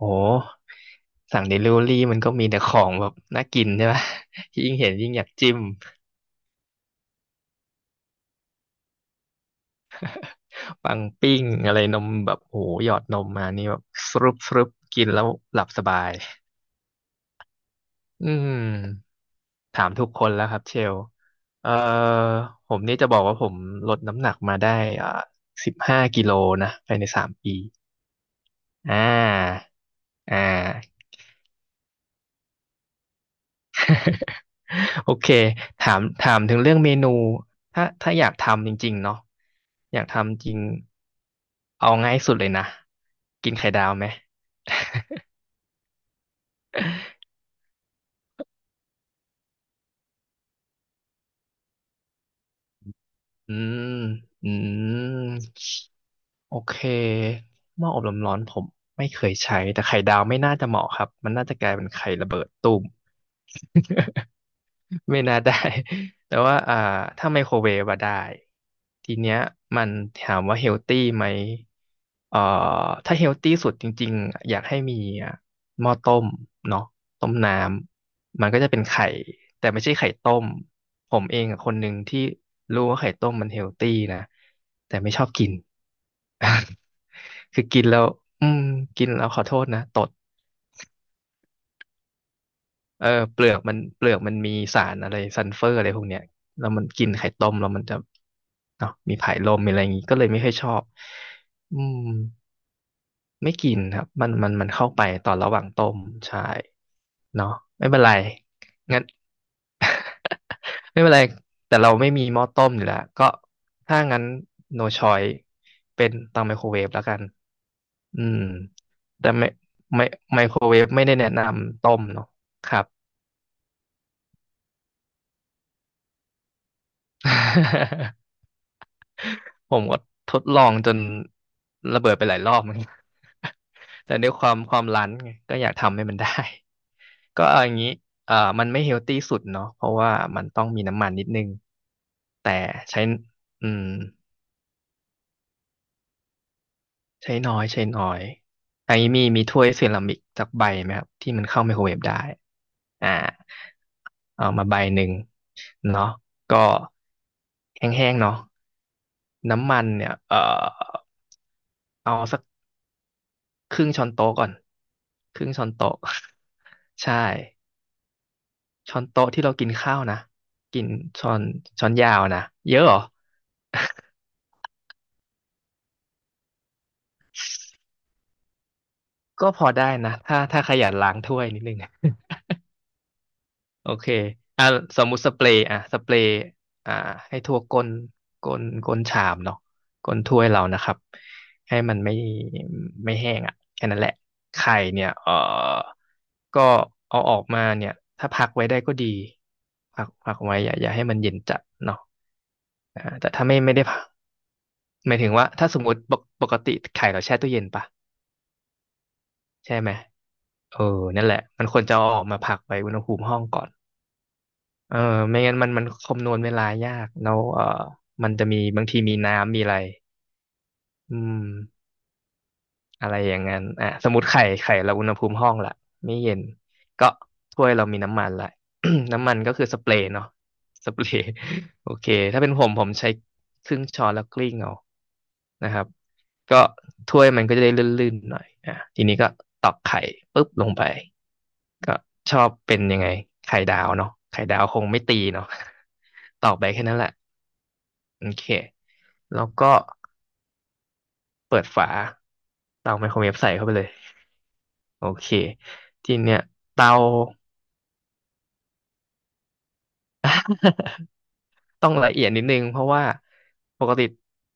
โอ้สั่งเดลิเวอรี่มันก็มีแต่ของแบบน่ากินใช่ไหม ยิ่งเห็นยิ่งอยากจิ้มปังปิ้งอะไรนมแบบโอ้โหหยอดนมมานี่แบบสรุปกินแล้วหลับสบายอืมถามทุกคนแล้วครับเชลเอ่อผมนี่จะบอกว่าผมลดน้ำหนักมาได้อ่า15 กิโลนะภายใน3 ปีอ่าอ่า โอเคถามถึงเรื่องเมนูถ้าอยากทำจริงๆเนาะอยากทำจริงเอาง่ายสุดเลยนะกินไข่ดาวไหมอืมอืมโอเคหม้ออบลมร้อนผมไม่เคยใช้แต่ไข่ดาวไม่น่าจะเหมาะครับมันน่าจะกลายเป็นไข่ระเบิดตูม ไม่น่าได้ แต่ว่าถ้าไมโครเวฟอะได้ ทีเนี้ยมันถามว่าเฮลตี้ไหมเอ่อถ้าเฮลตี้สุดจริงๆ อยากให้มีอ่ะหม้อต้มเนาะต้มน้ำ มันก็จะเป็นไข่ แต่ไม่ใช่ไข่ต้ม ผมเองอะคนหนึ่งที่รู้ว่าไข่ต้มมันเฮลตี้นะแต่ไม่ชอบกิน คือกินแล้ว อืม กินแล้วขอโทษนะ ตด เออเปลือกมันมีสารอะไรซัลเฟอร์อะไรพวกเนี้ยแล้วมันกินไข่ต้มแล้วมันจะเนาะมีผายลมมีอะไรอย่างงี้ก็เลยไม่ค่อยชอบอืมไม่กินครับมันเข้าไปตอนระหว่างต้มใช่เนาะไม่เป็นไรงั้นไม่เป็นไรแต่เราไม่มีหม้อต้มอยู่แล้วก็ถ้างั้น no choice เป็นเตาไมโครเวฟแล้วกันอืมแต่ไม่ไมโครเวฟไม่ได้แนะนำต้มเนาะครับ ผมก็ทดลองจนระเบิดไปหลายรอบเหมือนกัน แต่ด้วยความรั้นไงก็อยากทำให้มันได้ ก็เอาอย่างนี้มันไม่เฮลตี้สุดเนาะเพราะว่ามันต้องมีน้ำมันนิดนึง แต่ใช้อืมใช้น้อยใช้น้อยอันนี้มีถ้วยเซรามิกสักใบไหมครับที่มันเข้าไมโครเวฟได้อ่าเอามาใบหนึ่งเนาะก็แห้งๆเนาะน้ำมันเนี่ยเอาสัก ครึ่งช้อนโต๊ะก่อน1/2 ช้อนโต๊ะ ใช่ช้อนโต๊ะที่เรากินข้าวนะกินช้อนช้อนยาวนะเยอะเหรอ ก็พอได้นะถ้าขยันล้างถ้วยนิดนึง โอเคอ่ะสมมุติสเปรย์อ่ะสเปรย์อ่าให้ทั่วก้นก้นชามเนาะก้นถ้วยเรานะครับให้มันไม่แห้งอ่ะแค่นั้นแหละไข่เนี่ยเออก็เอาออกมาเนี่ยถ้าพักไว้ได้ก็ดีพักไว้อย่าให้มันเย็นจัดเนาะแต่ถ้าไม่ได้พักหมายถึงว่าถ้าสมมติปกติไข่เราแช่ตู้เย็นปะใช่ไหมเออนั่นแหละมันควรจะเอาออกมาพักไว้อุณหภูมิห้องก่อน เออไม่งั้นมันคำนวณเวลายากแล้วเออมันจะมีบางทีมีน้ำมีอะไรอืมอะไรอย่างนั้นอ่ะสมมติไข่เราอุณหภูมิห้องละไม่เย็นก็ถ้วยเรามีน้ำมันละ น้ำมันก็คือสเปรย์เนาะสเปรย์ โอเคถ้าเป็นผมใช้ครึ่งช้อนแล้วกลิ้งเอานะครับก็ถ้วยมันก็จะได้ลื่นๆหน่อยอ่ะทีนี้ก็ตอกไข่ปุ๊บลงไปก็ชอบเป็นยังไงไข่ดาวเนาะไข่ดาวคงไม่ตีเนาะ ตอกไปแค่นั้นแหละ โอเค แล้วก็เปิดฝาเตาไมโครเวฟใส่เข้าไปเลยโอเคทีเนี้ยเตา ต้องละเอียดนิดนึงเพราะว่าปกติ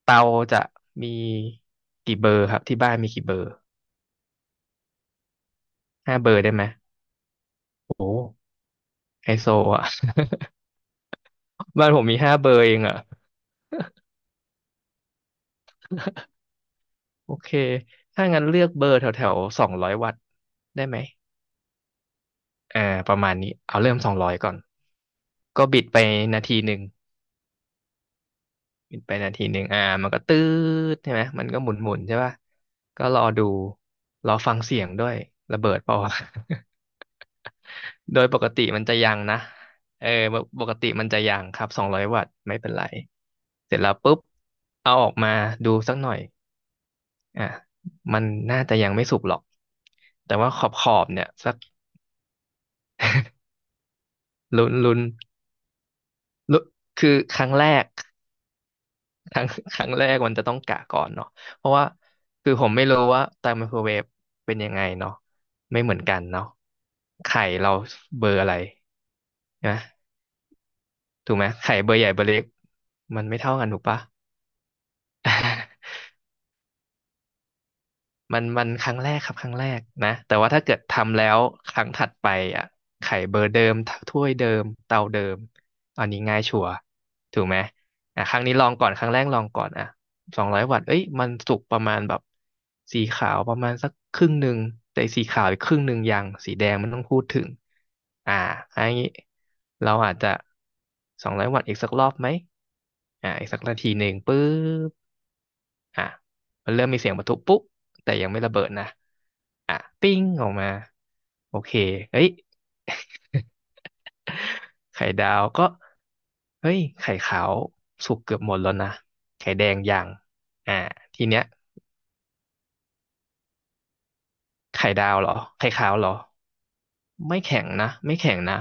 เตาจะมีกี่เบอร์ครับที่บ้านมีกี่เบอร์ห้าเบอร์ได้ไหมโอ้โหไฮโซอ่ะ บ้านผมมีห้าเบอร์เองอ่ะโอเคถ้างั้นเลือกเบอร์แถวแถวสองร้อยวัตต์ได้ไหมอ่าประมาณนี้เอาเริ่มสองร้อยก่อนก็บิดไปนาทีหนึ่ง ปิดไป1 นาทีมันก็ตืดใช่ไหมมันก็หมุนใช่ป่ะก็รอดูรอฟังเสียงด้วยระเบิดเปล่าวะ โดยปกติมันจะยังนะเออปกติมันจะยังครับสองร้อยวัตต์ไม่เป็นไรเสร็จแล้วปุ๊บเอาออกมาดูสักหน่อยอ่ะมันน่าจะยังไม่สุกหรอกแต่ว่าขอบเนี่ยสักลุ้นลุ้นลุ้นคือครั้งแรก ครั้ง ครั้งแรกมันจะต้องกะก่อนเนาะเพราะว่าคือผมไม่รู้ว่าเตาไมโครเวฟเป็นยังไงเนาะไม่เหมือนกันเนาะไข่เราเบอร์อะไรนะถูกไหมไข่เบอร์ใหญ่เบอร์เล็กมันไม่เท่ากันถูกปะ มันครั้งแรกครับครั้งแรกนะแต่ว่าถ้าเกิดทำแล้วครั้งถัดไปอ่ะไข่เบอร์เดิมถ้วยเดิมเตาเดิมอันนี้ง่ายชัวร์ถูกไหมอ่ะครั้งนี้ลองก่อนครั้งแรกลองก่อนอ่ะสองร้อยวัตต์เอ้ยมันสุกประมาณแบบสีขาวประมาณสักครึ่งหนึ่งแต่สีขาวอีกครึ่งหนึ่งยังสีแดงมันต้องพูดถึงอ่าอันนี้เราอาจจะสองร้อยวัตต์อีกสักรอบไหมอีกสักนาทีหนึ่งปึ๊บ อ่ะมันเริ่มมีเสียงปะทุปุ๊บแต่ยังไม่ระเบิดนะอ่ะปิ้งออกมาโอเคเฮ้ย ไข่ดาวก็เฮ้ยไข่ขาวสุกเกือบหมดแล้วนะไข่แดงยังอ่าทีเนี้ยไข่ดาวเหรอไข่ขาวเหรอไม่แข็งนะไม่แข็งนะ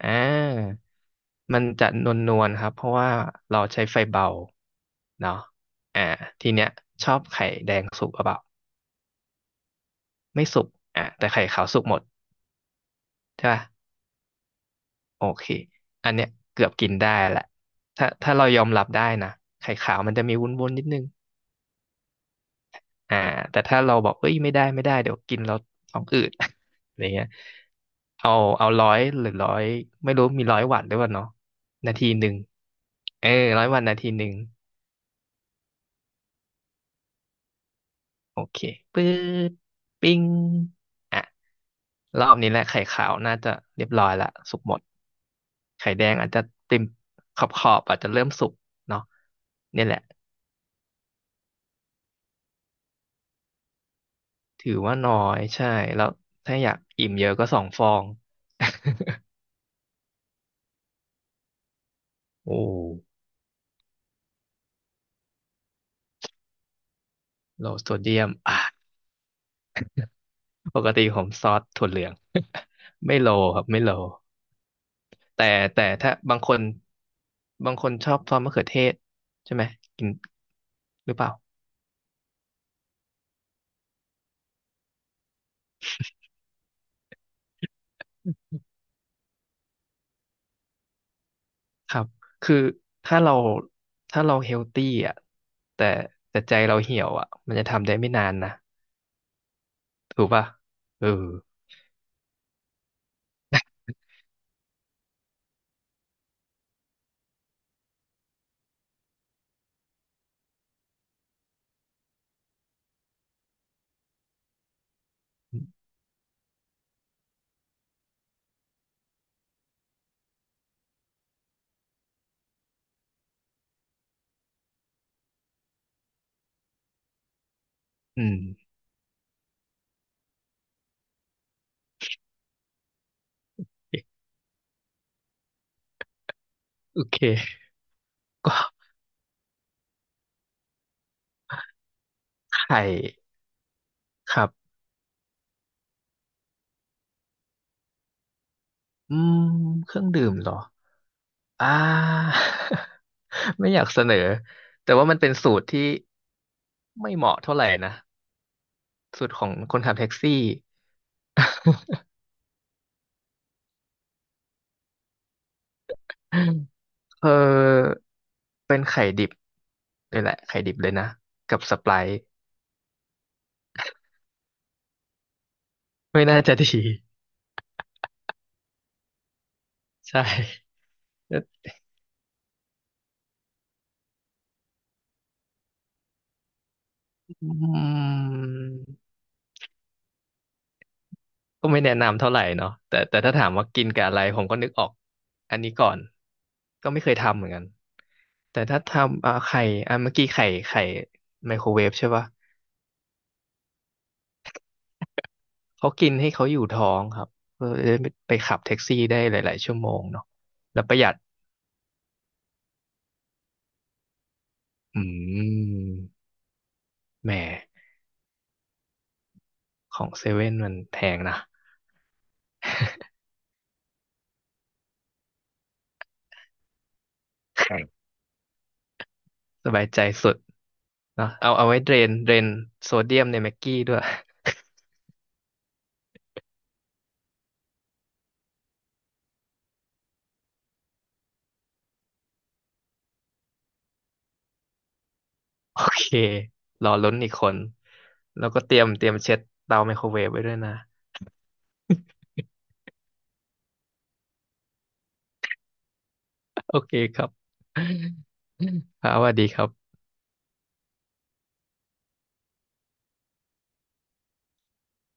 อ่ามันจะนวลนวลครับเพราะว่าเราใช้ไฟเบาเนาะอ่าทีเนี้ยชอบไข่แดงสุกหรือเปล่า ไม่สุกอ่ะแต่ไข่ขาวสุกหมดใช่ป่ะโอเค อันเนี้ยเกือบกินได้แหละถ้าเรายอมรับได้นะ ไข่ขาวมันจะมีวุ้นๆนิดนึงอ่าแต่ถ้าเราบอกเอ้ย ไม่ได้ไม่ได้เดี๋ยวกินเราท้องอืด อะไรเงี้ยเอาเอาร้อยหรือร้อยไม่รู้มีร้อยวัตต์ด้วยวะเนาะนาทีหนึ่งเออร้อยวัตต์นาทีหนึ่ง โอเคปึ๊ดปิ้งอ่ะรอบนี้แหละไข่ขาวน่าจะเรียบร้อยละสุกหมดไข่แดงอาจจะเต็มขอบขอบอาจจะเริ่มสุกเนาะเนี่ยแหละถือว่าน้อยใช่แล้วถ้าอยากอิ่มเยอะก็2 ฟอง โอ้โลโซเดียมอ่ะปกติผมซอสถั่วเหลือง ไม่โลครับไม่โลแต่แต่ถ้าบางคนชอบซอสมะเขือเทศใช่ไหมกินหรือเปล่า ครับ คือถ้าเราถ้าเราเฮลตี้อ่ะแต่แต่ใจเราเหี่ยวอ่ะมันจะทำได้ไม่นานนะถูกป่ะเอออืมโอเค ก็ไข่ครับอืมเครื่องดื่มเหรออ่า ไม่อยากเสนอแต่ว่ามันเป็นสูตรที่ไม่เหมาะเท่าไหร่นะสูตรของคนขับแท็กซี่ เออนี่แหละไข่ดิบเลยนะกับสไปร์ไม่น่าจะดี ใช่เออ อืมก็ไม่แนะนำเท่าไหร่เนาะแต่ถ้าถามว่ากินกับอะไรผมก็นึกออกอันนี้ก่อนก็ไม่เคยทำเหมือนกันแต่ถ้าทำไข่เมื่อกี้ไข่ไมโครเวฟใช่ป่ะเขากินให้เขาอยู่ท้องครับเพื่อจะได้ไปขับแท็กซี่ได้หลายๆชั่วโมงเนาะแล้วประหยัดอืมแหมของเซเว่นมันแพงนะ สบายใจสุดเนาะเอาไว้เดรนโซเดียมในแม็กกี้ด้วย โอเครอลุ้นอีกคน แล้วก็เตรียมเช็ดเตาไมโครเวฟไว้ด้วยนะ โอเคครับ ครับสวัสดีครับ